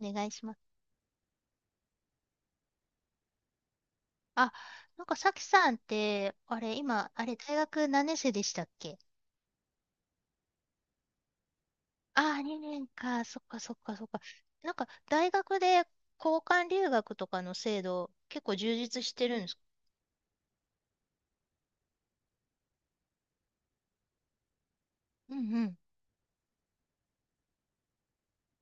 お願いします。あ、なんかさきさんって、今、大学何年生でしたっけ？ああ、2年か。そっかそっかそっか。なんか、大学で交換留学とかの制度、結構充実してるんですか？うんうん。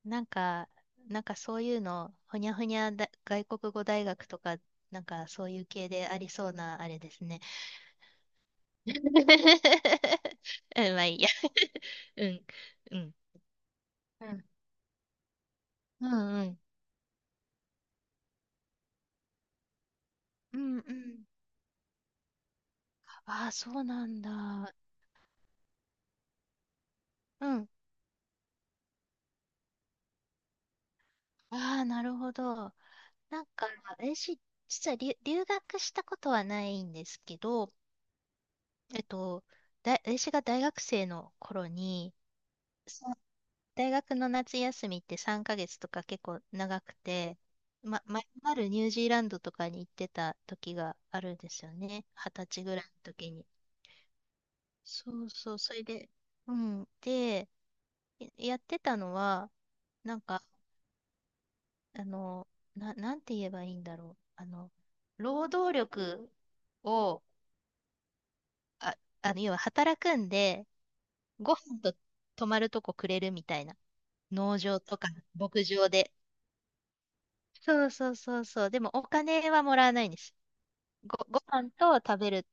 なんか、なんかそういうの、ほにゃほにゃだ、外国語大学とか、なんかそういう系でありそうな、あれですね。うん、まあいいや。うん、うん。うん、うん、うん。うん、うん。ああ、そうなんだ。うん。ああ、なるほど。なんか、私、実は留学したことはないんですけど、えっと、私が大学生の頃に、さ大学の夏休みって3ヶ月とか結構長くて、まるまるニュージーランドとかに行ってた時があるんですよね。二十歳ぐらいの時に。そうそう、それで、うん。で、やってたのは、なんか、あの、なんて言えばいいんだろう。労働力を、あ、要は働くんで、ご飯と泊まるとこくれるみたいな。農場とか牧場で。そうそうそうそう。でもお金はもらわないんです。ご飯と食べる、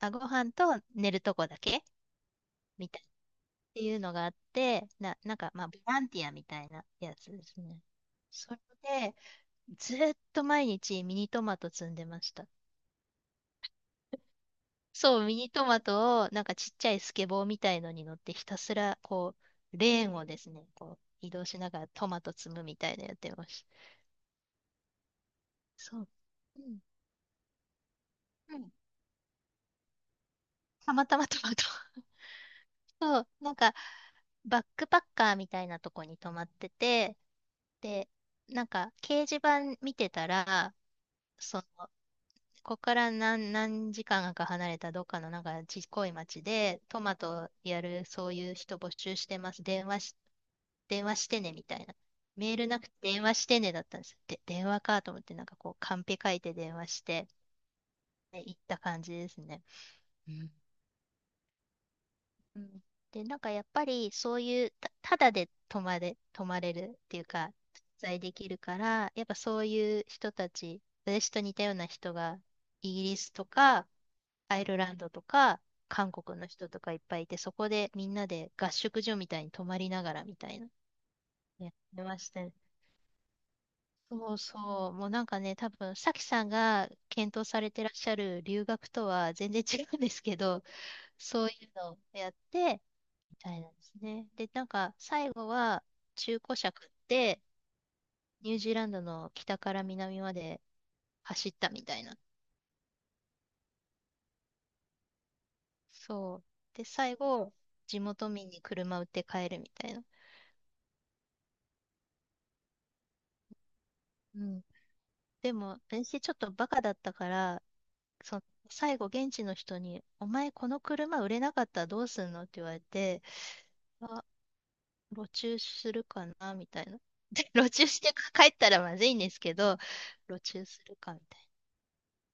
ご飯と寝るとこだけみたいな。っていうのがあって、なんか、まあ、ボランティアみたいなやつですね。それで、ずっと毎日ミニトマト摘んでました。そう、ミニトマトを、なんかちっちゃいスケボーみたいのに乗ってひたすら、こう、レーンをですね、こう、移動しながらトマト積むみたいなのやってました。そう。うん。うん。たまたまトマト。そう、なんか、バックパッカーみたいなとこに泊まってて、で、なんか、掲示板見てたら、その、ここから何時間か離れたどっかのなんかちっこい町で、トマトやるそういう人募集してます。電話してねみたいな。メールなくて電話してねだったんです。で、電話かと思ってなんかこうカンペ書いて電話して、ね行った感じですね。うんうん。で、なんかやっぱりそういうただで泊まれるっていうか、滞在できるから、やっぱそういう人たち、私と似たような人がイギリスとか、アイルランドとか、韓国の人とかいっぱいいて、そこでみんなで合宿所みたいに泊まりながらみたいな、やってましたね。そうそう、もうなんかね、多分、さきさんが検討されてらっしゃる留学とは全然違うんですけど、そういうのをやって、みたいなんですね。で、なんか最後は中古車買ってニュージーランドの北から南まで走ったみたいな。そう。で、最後、地元民に車売って帰るみたいな。うん。でも、私ちょっとバカだったから、その最後現地の人に、お前この車売れなかったらどうすんのって言われて、あ、路駐するかなみたいな。で、路駐して帰ったらまずいんですけど、路駐するかみたいな。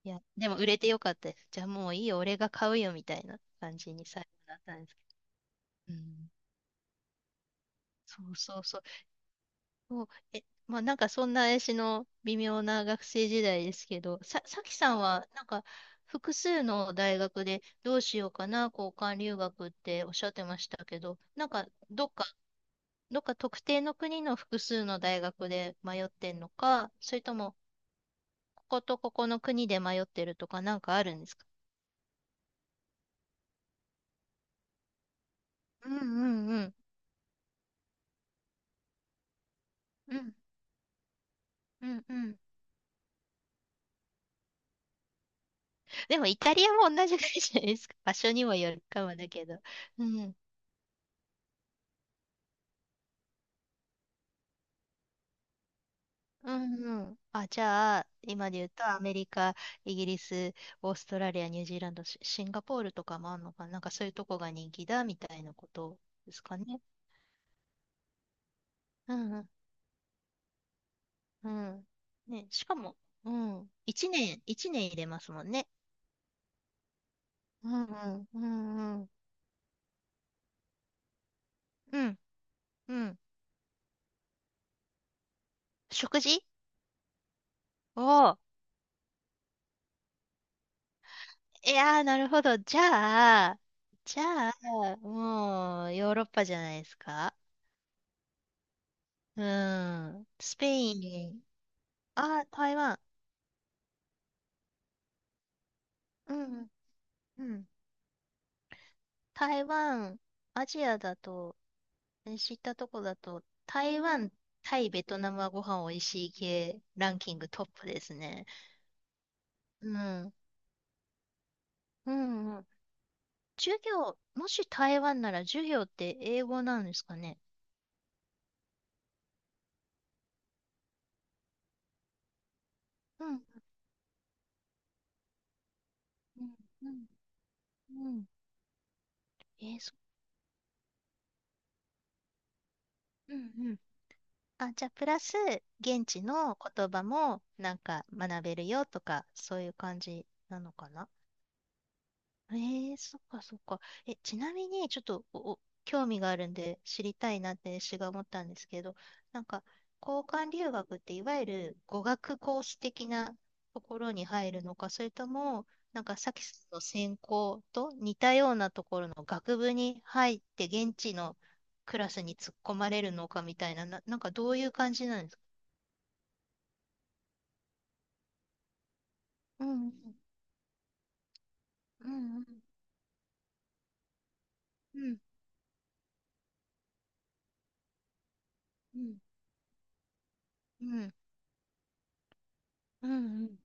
いや、でも売れてよかったです。じゃあもういいよ、俺が買うよみたいな感じに最後なったんですけど。うん、そうそうそう。もう、まあなんかそんな私の微妙な学生時代ですけど、さきさんはなんか複数の大学でどうしようかな、交換留学っておっしゃってましたけど、なんかどっか、どっか特定の国の複数の大学で迷ってんのか、それともこことここの国で迷ってるとかなんかあるんですか？うんうんうん。うんうんうん。でもイタリアも同じぐらいじゃないですか。場所にもよるかもだけど。うん。うんうん。あ、じゃあ、今で言うとアメリカ、イギリス、オーストラリア、ニュージーランド、シンガポールとかもあるのかな。なんかそういうとこが人気だみたいなことですかね。うんうんうん。ね、しかも、うん。一年入れますもんね。うんうんうんうん。うんうん。食事。おおー。いやー、なるほど。じゃあ、じゃあ、もう、ヨーロッパじゃないですか。うん。スペイン。あ、台湾。うん。うん。台湾、アジアだと、知ったとこだと、台湾、タイ、ベトナムはご飯おいしい系ランキングトップですね。うん。うん、うん。授業、もし台湾なら授業って英語なんですかね。うん。うん。うん。うん。そう。うん。あ、じゃあ、プラス、現地の言葉も、なんか、学べるよとか、そういう感じなのかな？そっかそっか。ちなみに、ちょっと、お興味があるんで、知りたいなって私が思ったんですけど、なんか、交換留学って、いわゆる語学コース的なところに入るのか、それとも、なんか、さっきの専攻と似たようなところの学部に入って、現地のクラスに突っ込まれるのかみたいな、なんかどういう感じなんですか？うん、うん、うん、うん、うん、うん、うんうん。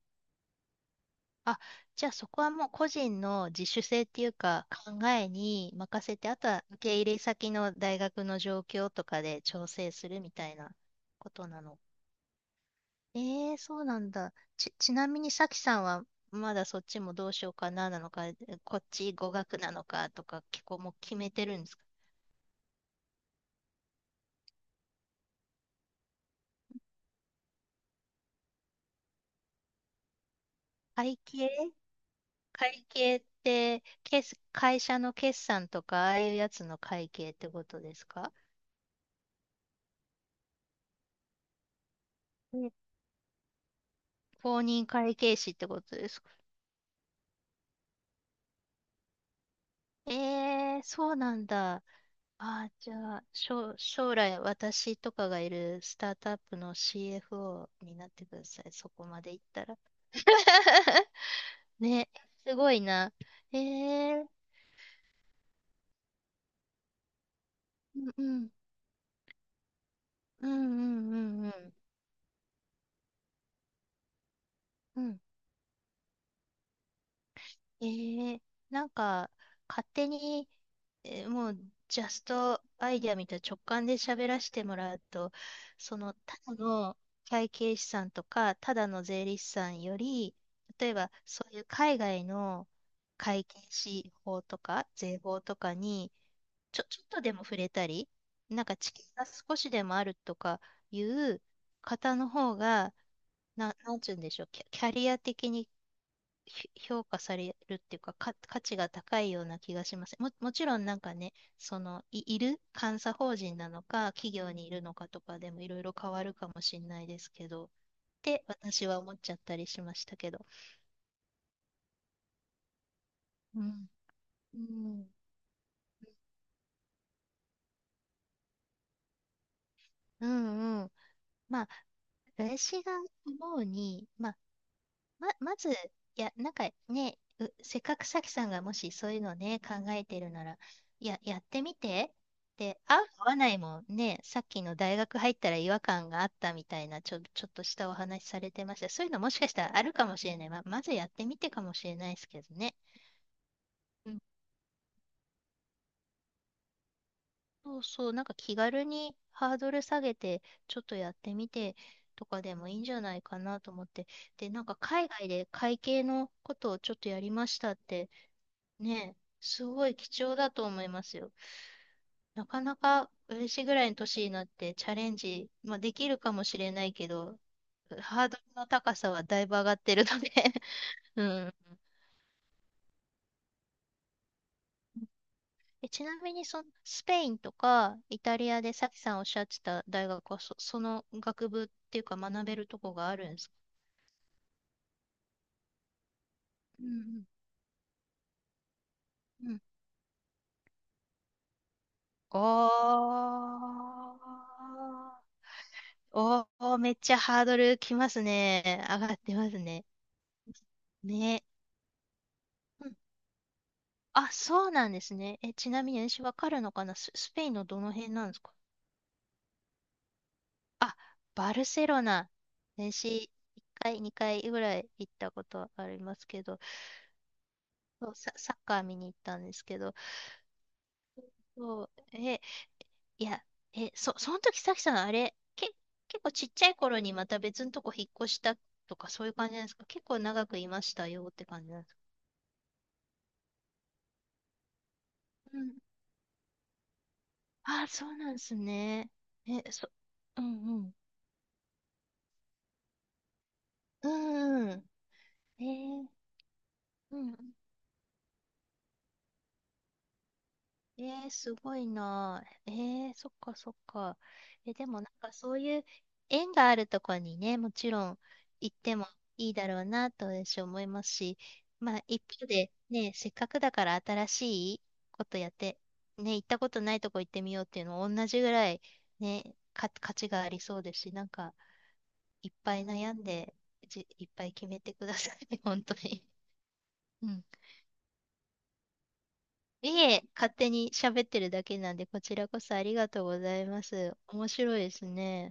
あ、じゃあそこはもう個人の自主性っていうか考えに任せて、あとは受け入れ先の大学の状況とかで調整するみたいなことなの。ええそうなんだ。ちなみにさきさんはまだそっちもどうしようかななのか、こっち語学なのかとか結構もう決めてるんですか？会計。会計って、会社の決算とか、ああいうやつの会計ってことですか？うん。公認会計士ってことですか？えそうなんだ。じゃあ、将来私とかがいるスタートアップの CFO になってください。そこまでいったら。ね、すごいな。えー、うんうん、うんうんうんうん。うん。えー、なんか、勝手に、もう、ジャストアイデアみたいな直感で喋らせてもらうと、その、ただの会計士さんとか、ただの税理士さんより、例えば、そういう海外の会計士法とか、税法とかに、ちょっとでも触れたり、なんか知見が少しでもあるとかいう方の方が、なんちゅうんでしょう、キャリア的に評価されるっていうか、価値が高いような気がします。もちろんなんかね、その、いる監査法人なのか、企業にいるのかとかでもいろいろ変わるかもしれないですけど、って私は思っちゃったりしましたけど。うん。うん。うんうん。まあ、私が思うに、まず、いや、なんかね、せっかくさきさんがもしそういうのね、考えてるなら、いや、やってみて。で、合う合わないもね、さっきの大学入ったら違和感があったみたいな、ちょっとしたお話されてました。そういうのもしかしたらあるかもしれない。まずやってみてかもしれないですけどね。うん、そうそう、なんか気軽にハードル下げて、ちょっとやってみてとかでもいいんじゃないかなと思って。で、なんか海外で会計のことをちょっとやりましたって、ねえ、すごい貴重だと思いますよ。なかなか私ぐらいの年になってチャレンジ、まあ、できるかもしれないけど、ハードルの高さはだいぶ上がってるので うん。ちなみにその、スペインとかイタリアでさきさんおっしゃってた大学はその学部っていうか学べるとこがあるんですか？うんうん。うん。あー、おー、めっちゃハードルきますね。上がってますね。ね。あ、そうなんですね。ちなみに私わかるのかな、スペインのどの辺なんですか？あ、バルセロナ。私、1回、2回ぐらい行ったことありますけど、そう、サッカー見に行ったんですけど、そう、いや、その時さきさん、あれ、結構ちっちゃい頃にまた別のとこ引っ越したとか、そういう感じなんですか？結構長くいましたよって感じなんですか？うん。あ、そうなんですね。え、そ、うんうん。うんうん。えーうんうんすごいな。そっかそっか。でもなんかそういう縁があるとこにね、もちろん行ってもいいだろうなと私思いますし、まあ一方でね、せっかくだから新しいことやって、ね、行ったことないとこ行ってみようっていうのも同じぐらいね、価値がありそうですし、なんかいっぱい悩んで、いっぱい決めてくださいね、本当に。うん。いえ、勝手に喋ってるだけなんで、こちらこそありがとうございます。面白いですね。